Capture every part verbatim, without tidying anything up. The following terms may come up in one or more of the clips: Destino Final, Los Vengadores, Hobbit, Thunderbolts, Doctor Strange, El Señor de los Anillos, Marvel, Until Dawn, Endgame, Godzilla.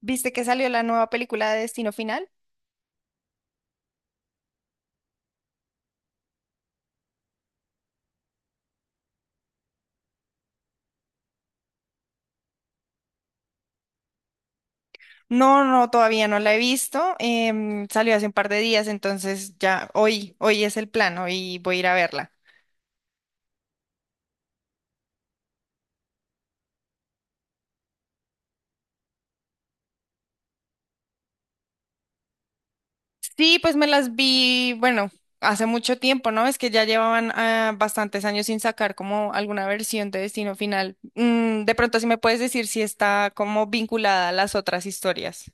¿Viste que salió la nueva película de Destino Final? No, no, todavía no la he visto. Em, salió hace un par de días, entonces ya hoy, hoy es el plan, hoy voy a ir a verla. Sí, pues me las vi, bueno, hace mucho tiempo, ¿no? Es que ya llevaban ah, bastantes años sin sacar como alguna versión de Destino Final. Mm, de pronto, si me puedes decir si está como vinculada a las otras historias.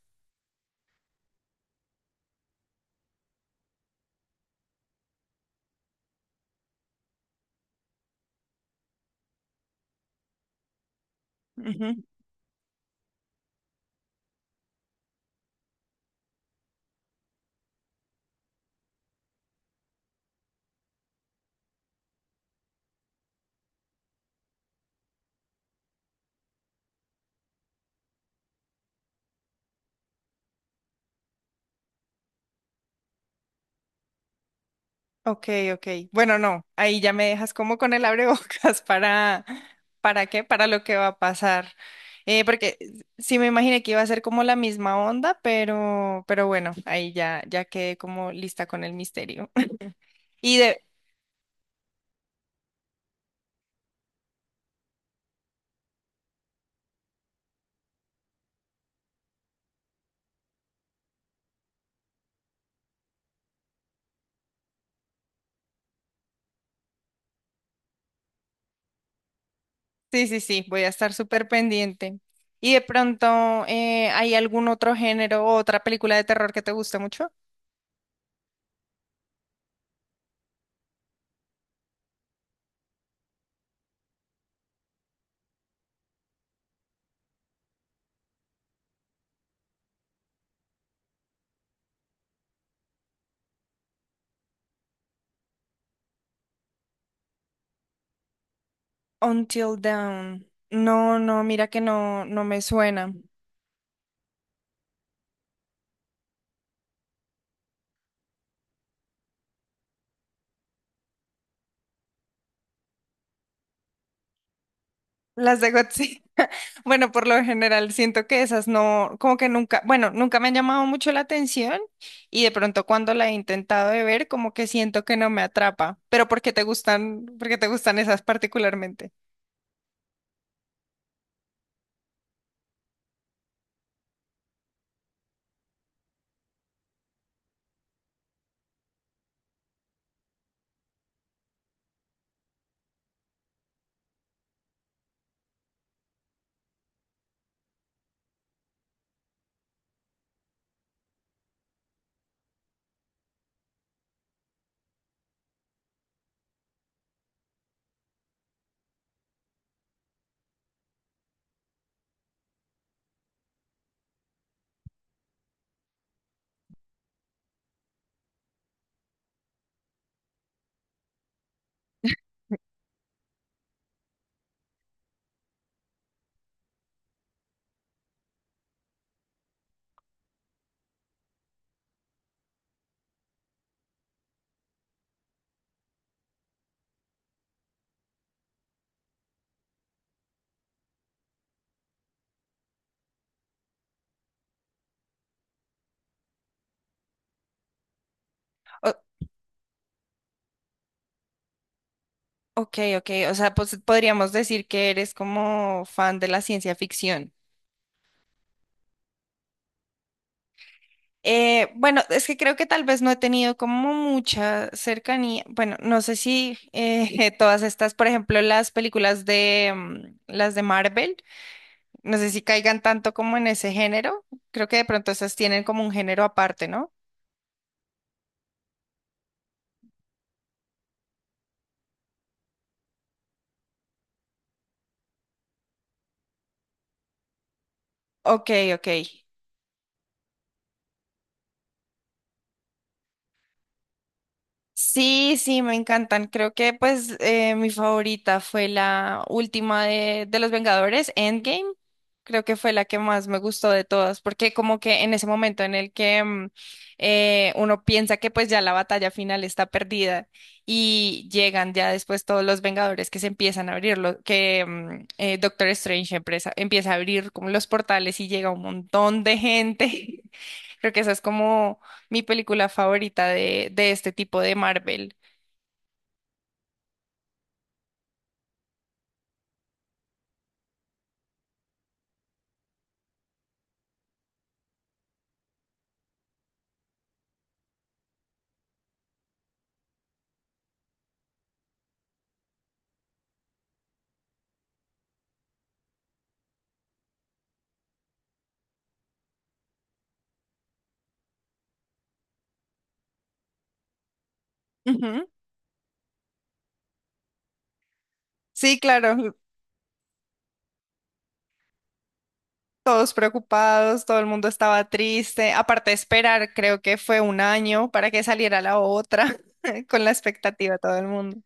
Ok, ok. Bueno, no, ahí ya me dejas como con el abrebocas para, ¿para qué? Para lo que va a pasar. Eh, porque sí me imaginé que iba a ser como la misma onda, pero, pero bueno, ahí ya, ya quedé como lista con el misterio. Y de, sí, sí, sí, voy a estar súper pendiente. ¿Y de pronto eh, hay algún otro género o otra película de terror que te guste mucho? Until Dawn. No, no, mira que no, no me suena. Las de Godzilla. Bueno, por lo general siento que esas no, como que nunca, bueno, nunca me han llamado mucho la atención y de pronto cuando la he intentado de ver, como que siento que no me atrapa. Pero ¿por qué te gustan, por qué te gustan esas particularmente? O- ok, ok, o sea, pues podríamos decir que eres como fan de la ciencia ficción. Eh, bueno, es que creo que tal vez no he tenido como mucha cercanía. Bueno, no sé si eh, todas estas, por ejemplo, las películas de mm, las de Marvel. No sé si caigan tanto como en ese género. Creo que de pronto esas tienen como un género aparte, ¿no? Ok, ok. Sí, sí, me encantan. Creo que pues eh, mi favorita fue la última de, de Los Vengadores, Endgame. Creo que fue la que más me gustó de todas, porque como que en ese momento en el que mm, eh, uno piensa que pues ya la batalla final está perdida y llegan ya después todos los Vengadores que se empiezan a abrir, lo- que mm, eh, Doctor Strange empieza, empieza a abrir como los portales y llega un montón de gente. Creo que eso es como mi película favorita de, de este tipo de Marvel. Ujú. Sí, claro, todos preocupados, todo el mundo estaba triste. Aparte de esperar, creo que fue un año para que saliera la otra, con la expectativa todo el mundo.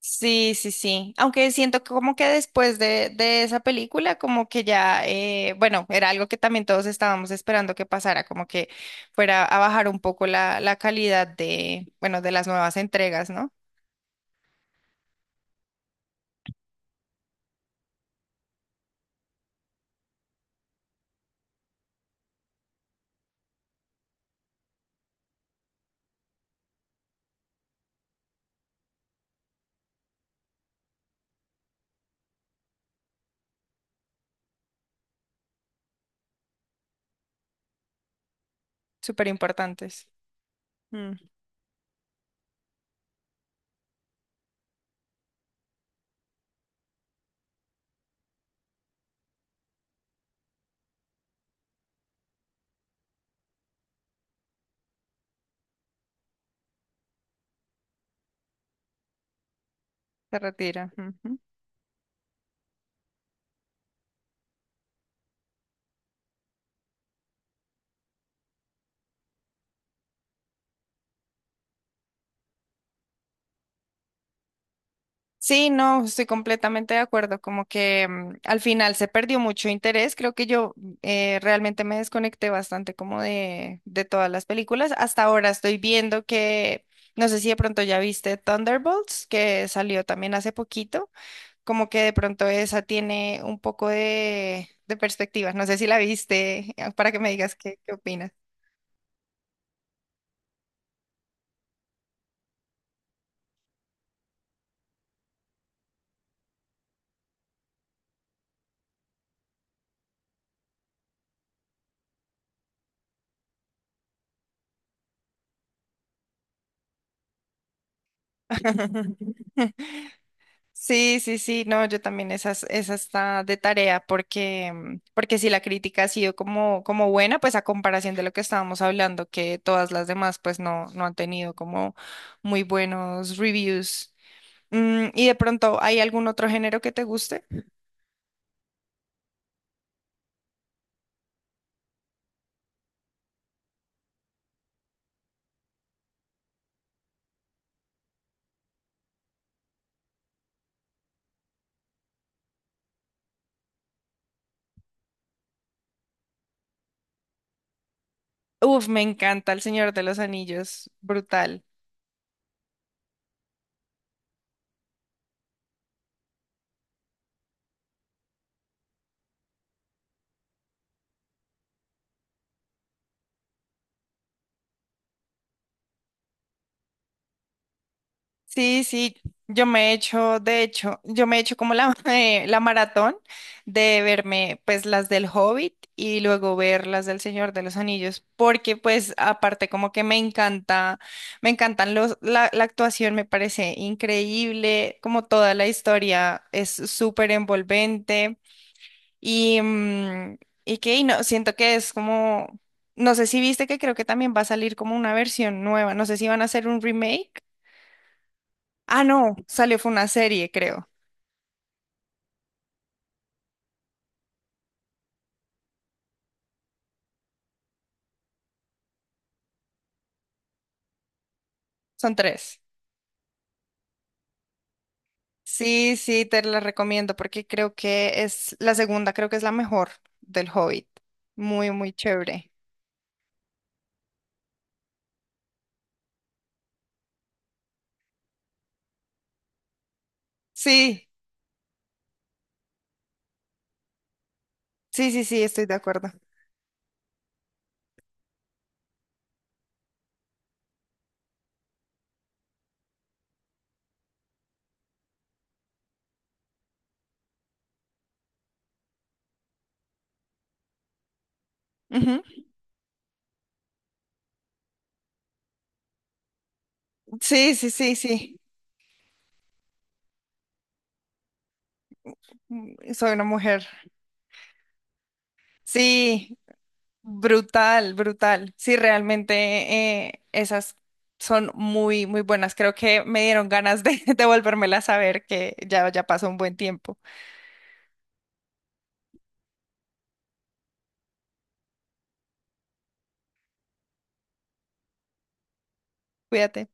Sí, sí, sí. Aunque siento que como que después de, de esa película, como que ya, eh, bueno, era algo que también todos estábamos esperando que pasara, como que fuera a bajar un poco la, la calidad de, bueno, de las nuevas entregas, ¿no? Súper importantes. Se retira. Ujú. Sí, no, estoy completamente de acuerdo. Como que mm, al final se perdió mucho interés. Creo que yo eh, realmente me desconecté bastante como de, de todas las películas. Hasta ahora estoy viendo que, no sé si de pronto ya viste Thunderbolts, que salió también hace poquito. Como que de pronto esa tiene un poco de, de perspectiva. No sé si la viste, eh, para que me digas qué, qué opinas. Sí, sí, sí, no, yo también esas, esa está de tarea porque, mm, porque si la crítica ha sido como, como buena, pues a comparación de lo que estábamos hablando, que todas las demás pues no, no han tenido como muy buenos reviews. Mm, y de pronto, ¿hay algún otro género que te guste? Uf, me encanta El Señor de los Anillos, brutal. Sí, sí, yo me he hecho, de hecho, yo me he hecho como la, eh, la maratón de verme pues las del Hobbit y luego ver las del Señor de los Anillos, porque pues aparte como que me encanta, me encantan los, la, la actuación me parece increíble, como toda la historia es súper envolvente y, mm, y que y no, siento que es como, no sé si viste que creo que también va a salir como una versión nueva, no sé si van a hacer un remake. Ah, no, salió, fue una serie, creo. Son tres. Sí, sí, te la recomiendo porque creo que es la segunda, creo que es la mejor del Hobbit. Muy, muy chévere. Sí, sí, sí, sí, estoy de acuerdo. Ujú. Sí, sí, sí, sí. Mm, Soy una mujer. Sí, brutal, brutal. Sí, realmente eh, esas son muy, muy buenas. Creo que me dieron ganas de, de volvérmelas a ver, que ya, ya pasó un buen tiempo. Cuídate.